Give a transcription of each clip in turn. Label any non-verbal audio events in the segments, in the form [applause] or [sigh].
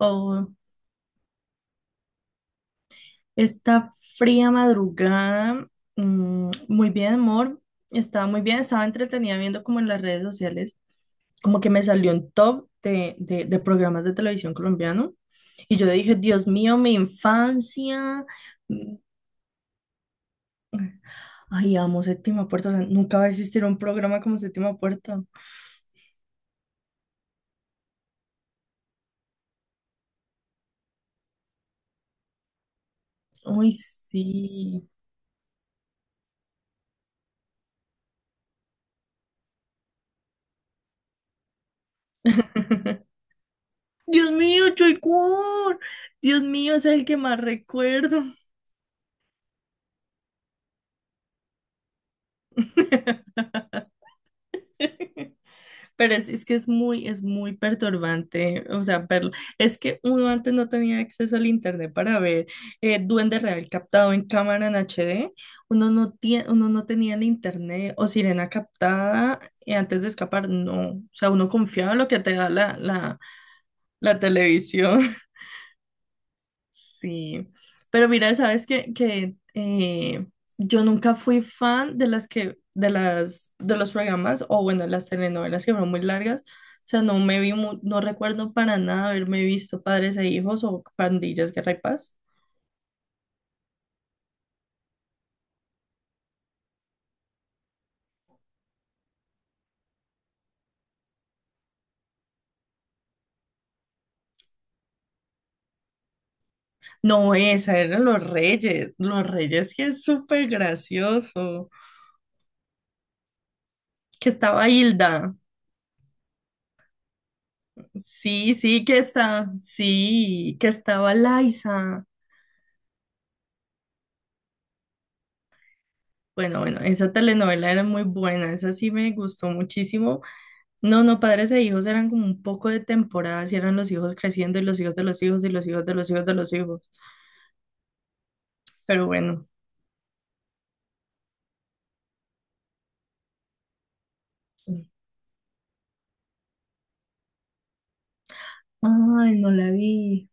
Oh, esta fría madrugada, muy bien, amor. Estaba muy bien, estaba entretenida viendo como en las redes sociales, como que me salió un top de programas de televisión colombiano. Y yo dije, Dios mío, mi infancia. mm, Ay, amo Séptima Puerta. O sea, nunca va a existir un programa como Séptima Puerta. Uy, sí. [laughs] Dios mío, Choy Cuor. Dios mío, es el que más recuerdo. [laughs] Pero es que es muy perturbante, o sea, verlo. Es que uno antes no tenía acceso al internet para ver Duende Real captado en cámara en HD, uno no tenía el internet o sirena captada antes de escapar, no. O sea, uno confiaba en lo que te da la televisión. Sí, pero mira, sabes que, yo nunca fui fan de las que, de las, de los programas, o bueno, las telenovelas que fueron muy largas. O sea, no me vi, no recuerdo para nada haberme visto Padres e Hijos o Pandillas, Guerra y Paz. No, esa eran Los Reyes, Los Reyes que es súper gracioso. Que estaba Hilda, sí, que estaba Liza. Bueno, bueno, esa telenovela era muy buena, esa sí me gustó muchísimo. No, no, padres e hijos eran como un poco de temporadas y eran los hijos creciendo y los hijos de los hijos y los hijos de los hijos de los hijos. Pero bueno. Ay, no la vi.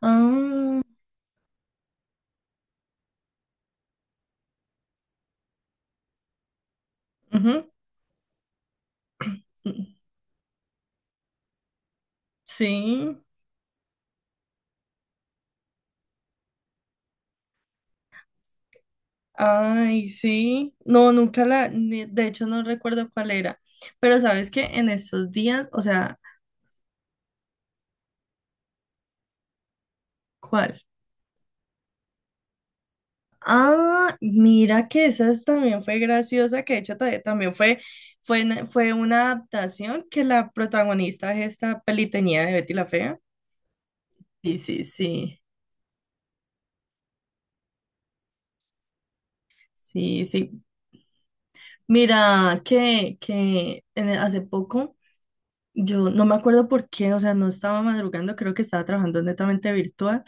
Ah, ujú. Sí. Ay, sí. No, nunca la, ni- De hecho no recuerdo cuál era. Pero sabes que en estos días, o sea, ¿cuál? Ah, mira que también fue graciosa, que de hecho también fue una adaptación que la protagonista de esta peli tenía de Betty la Fea. Sí, sí, sí, sí. Mira que, hace poco, yo no me acuerdo por qué, o sea, no estaba madrugando, creo que estaba trabajando netamente virtual.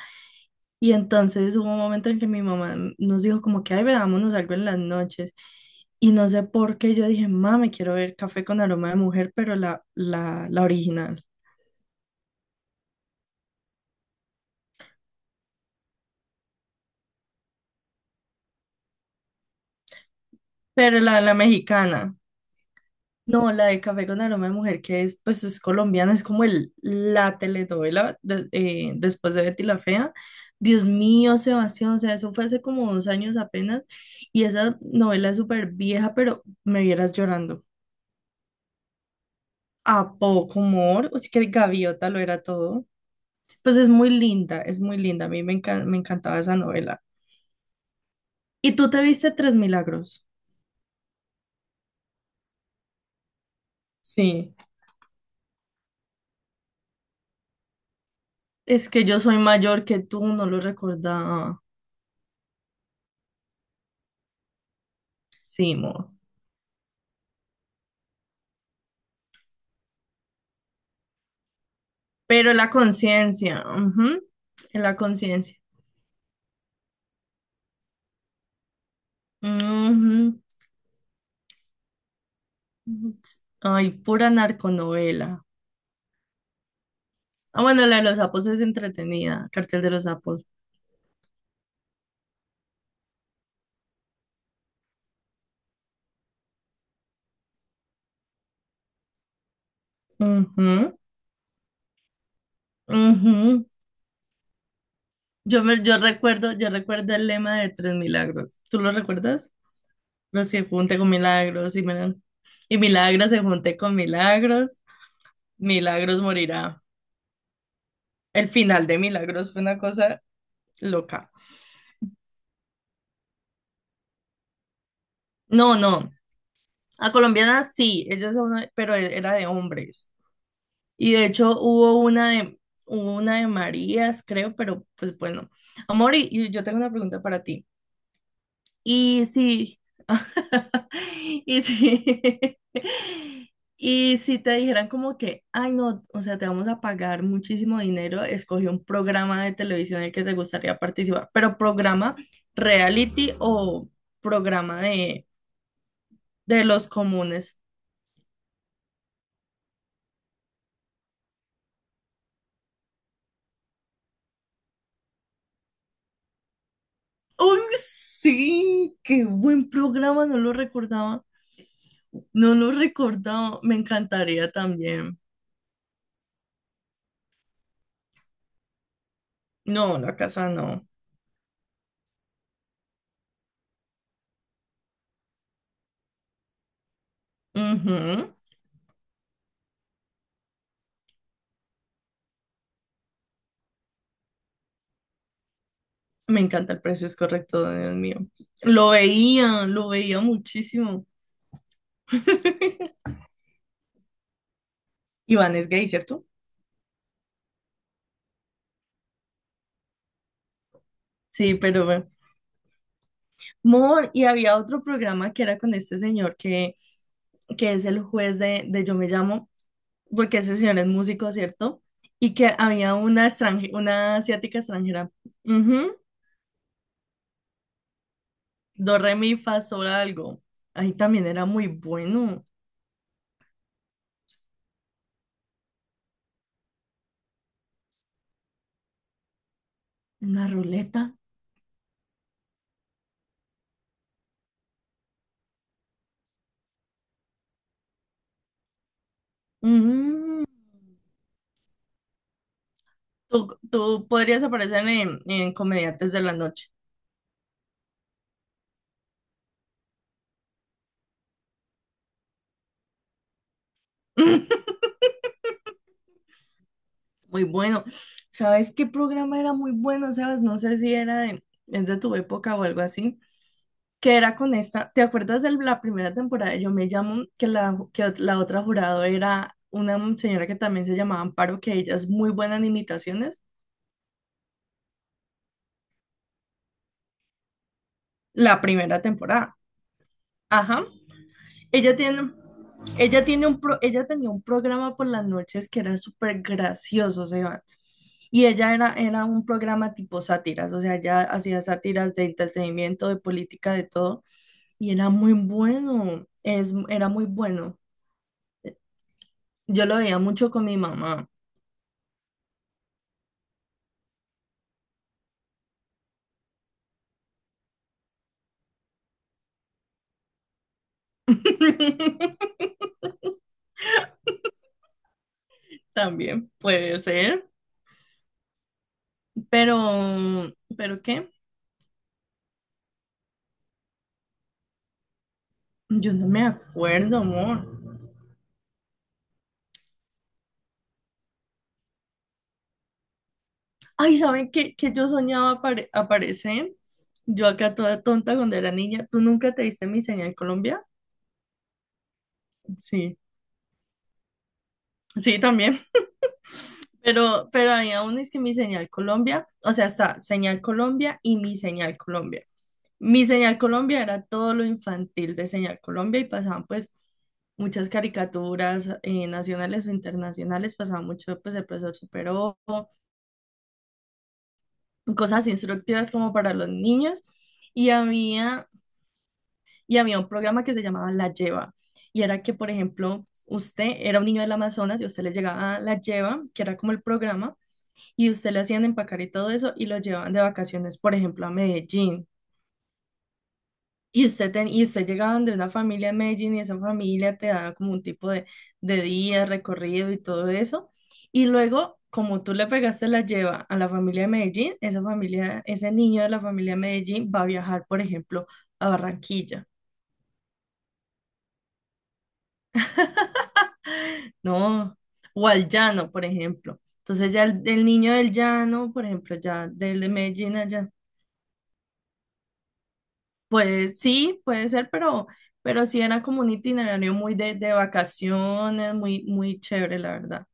Y entonces hubo un momento en que mi mamá nos dijo como que, ay, veámonos algo en las noches. Y no sé por qué yo dije, mami, quiero ver Café con aroma de mujer, pero la original. Pero la mexicana. No, la de Café con aroma de mujer, que es, pues, es colombiana, es como la telenovela después de Betty la Fea. Dios mío, Sebastián, o sea, eso fue hace como dos años apenas. Y esa novela es súper vieja, pero me vieras llorando. A poco humor, o sea que Gaviota lo era todo. Pues es muy linda, es muy linda. A mí me encantaba esa novela. ¿Y tú te viste Tres Milagros? Sí, es que yo soy mayor que tú, no lo recordaba. Sí, amor. Pero en la conciencia, ujú, en la conciencia. Ujú, ujú. Ay, pura narconovela. Ah, bueno, la de los sapos es entretenida, Cartel de los sapos. Ujú, ujú. Yo recuerdo el lema de Tres Milagros. ¿Tú lo recuerdas? Los se junte con milagros y, mira- Y milagros se junte con milagros, milagros morirá. El final de Milagros fue una cosa loca. No, no. A colombianas sí, pero era de hombres. Y de hecho hubo una de Marías, creo, pero pues bueno. Amor, y yo tengo una pregunta para ti. Y sí, [laughs] y sí, [laughs] y si te dijeran como que, ay no, o sea, te vamos a pagar muchísimo dinero, escoge un programa de televisión en el que te gustaría participar, pero programa reality o programa de los comunes. ¡Uy, sí! ¡Qué buen programa! No lo recordaba, no lo recordaba, me encantaría también. No, la casa no. Ujú. Me encanta el precio es correcto, Dios mío. Lo veía muchísimo. [laughs] Iván es gay, ¿cierto? Sí, pero bueno. Mor, y había otro programa que era con este señor que es el juez de Yo Me Llamo, porque ese señor es músico, ¿cierto? Y que había una asiática extranjera. Ujú. Do, re, mi, fa, sol, algo. Ahí también era muy bueno. Una ruleta. Ujú. Tú podrías aparecer en Comediantes de la Noche. [laughs] Muy bueno. ¿Sabes qué programa era muy bueno, Sebas? No sé si era de, es de tu época o algo así. Que era con esta, ¿te acuerdas de la primera temporada de Yo me llamo, que la otra jurado era una señora que también se llamaba Amparo, que ella es muy buena en imitaciones? La primera temporada. Ajá. Ella tiene, Ella tenía un programa por las noches que era súper gracioso, Sebas. Y era un programa tipo sátiras, o sea, ella hacía sátiras de entretenimiento, de política, de todo. Y era muy bueno, era muy bueno. Yo lo veía mucho con mi mamá. [laughs] También puede ser, pero, ¿pero qué? Yo no me acuerdo, amor. Ay, ¿saben qué, yo soñaba aparecer? Yo acá toda tonta cuando era niña. ¿Tú nunca te diste mi señal Colombia? Sí, sí, también. Pero había aún es que mi señal Colombia, o sea, está señal Colombia y mi señal Colombia. Mi señal Colombia era todo lo infantil de señal Colombia y pasaban pues muchas caricaturas nacionales o internacionales, pasaba mucho pues el profesor Superó, cosas instructivas como para los niños. Y había y había un programa que se llamaba La Lleva. Y era que, por ejemplo, usted era un niño del Amazonas y usted le llegaba a La Lleva, que era como el programa, y usted le hacían empacar y todo eso y lo llevaban de vacaciones, por ejemplo, a Medellín. Y y usted llegaba de una familia en Medellín y esa familia te daba como un tipo de día, recorrido y todo eso. Y luego, como tú le pegaste la lleva a la familia de Medellín, esa familia, ese niño de la familia de Medellín va a viajar, por ejemplo, a Barranquilla. ¿No? O al llano, por ejemplo. Entonces ya el niño del llano, por ejemplo, ya del de Medellín allá, pues sí, puede ser, pero sí era como un itinerario muy de vacaciones, muy, muy chévere, la verdad.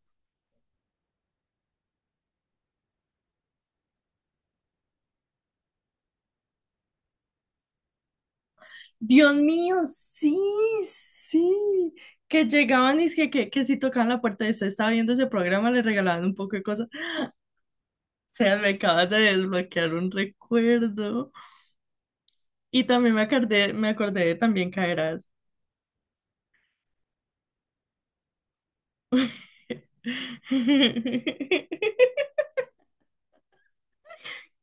Dios mío, sí, sí. Que llegaban y es que si tocaban la puerta y usted estaba viendo ese programa, le regalaban un poco de cosas. O sea, me acabas de desbloquear un recuerdo. Y también me acordé de también caerás. [laughs]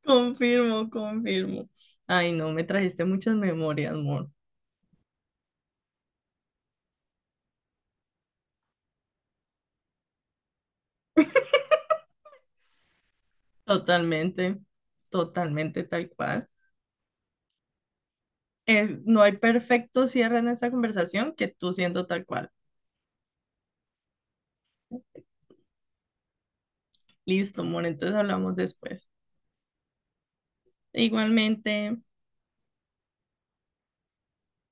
Confirmo, confirmo. Ay, no, me trajiste muchas memorias, amor. Totalmente, totalmente tal cual. Es- no hay perfecto cierre en esta conversación que tú siendo tal cual. Listo, amor, entonces hablamos después. Igualmente.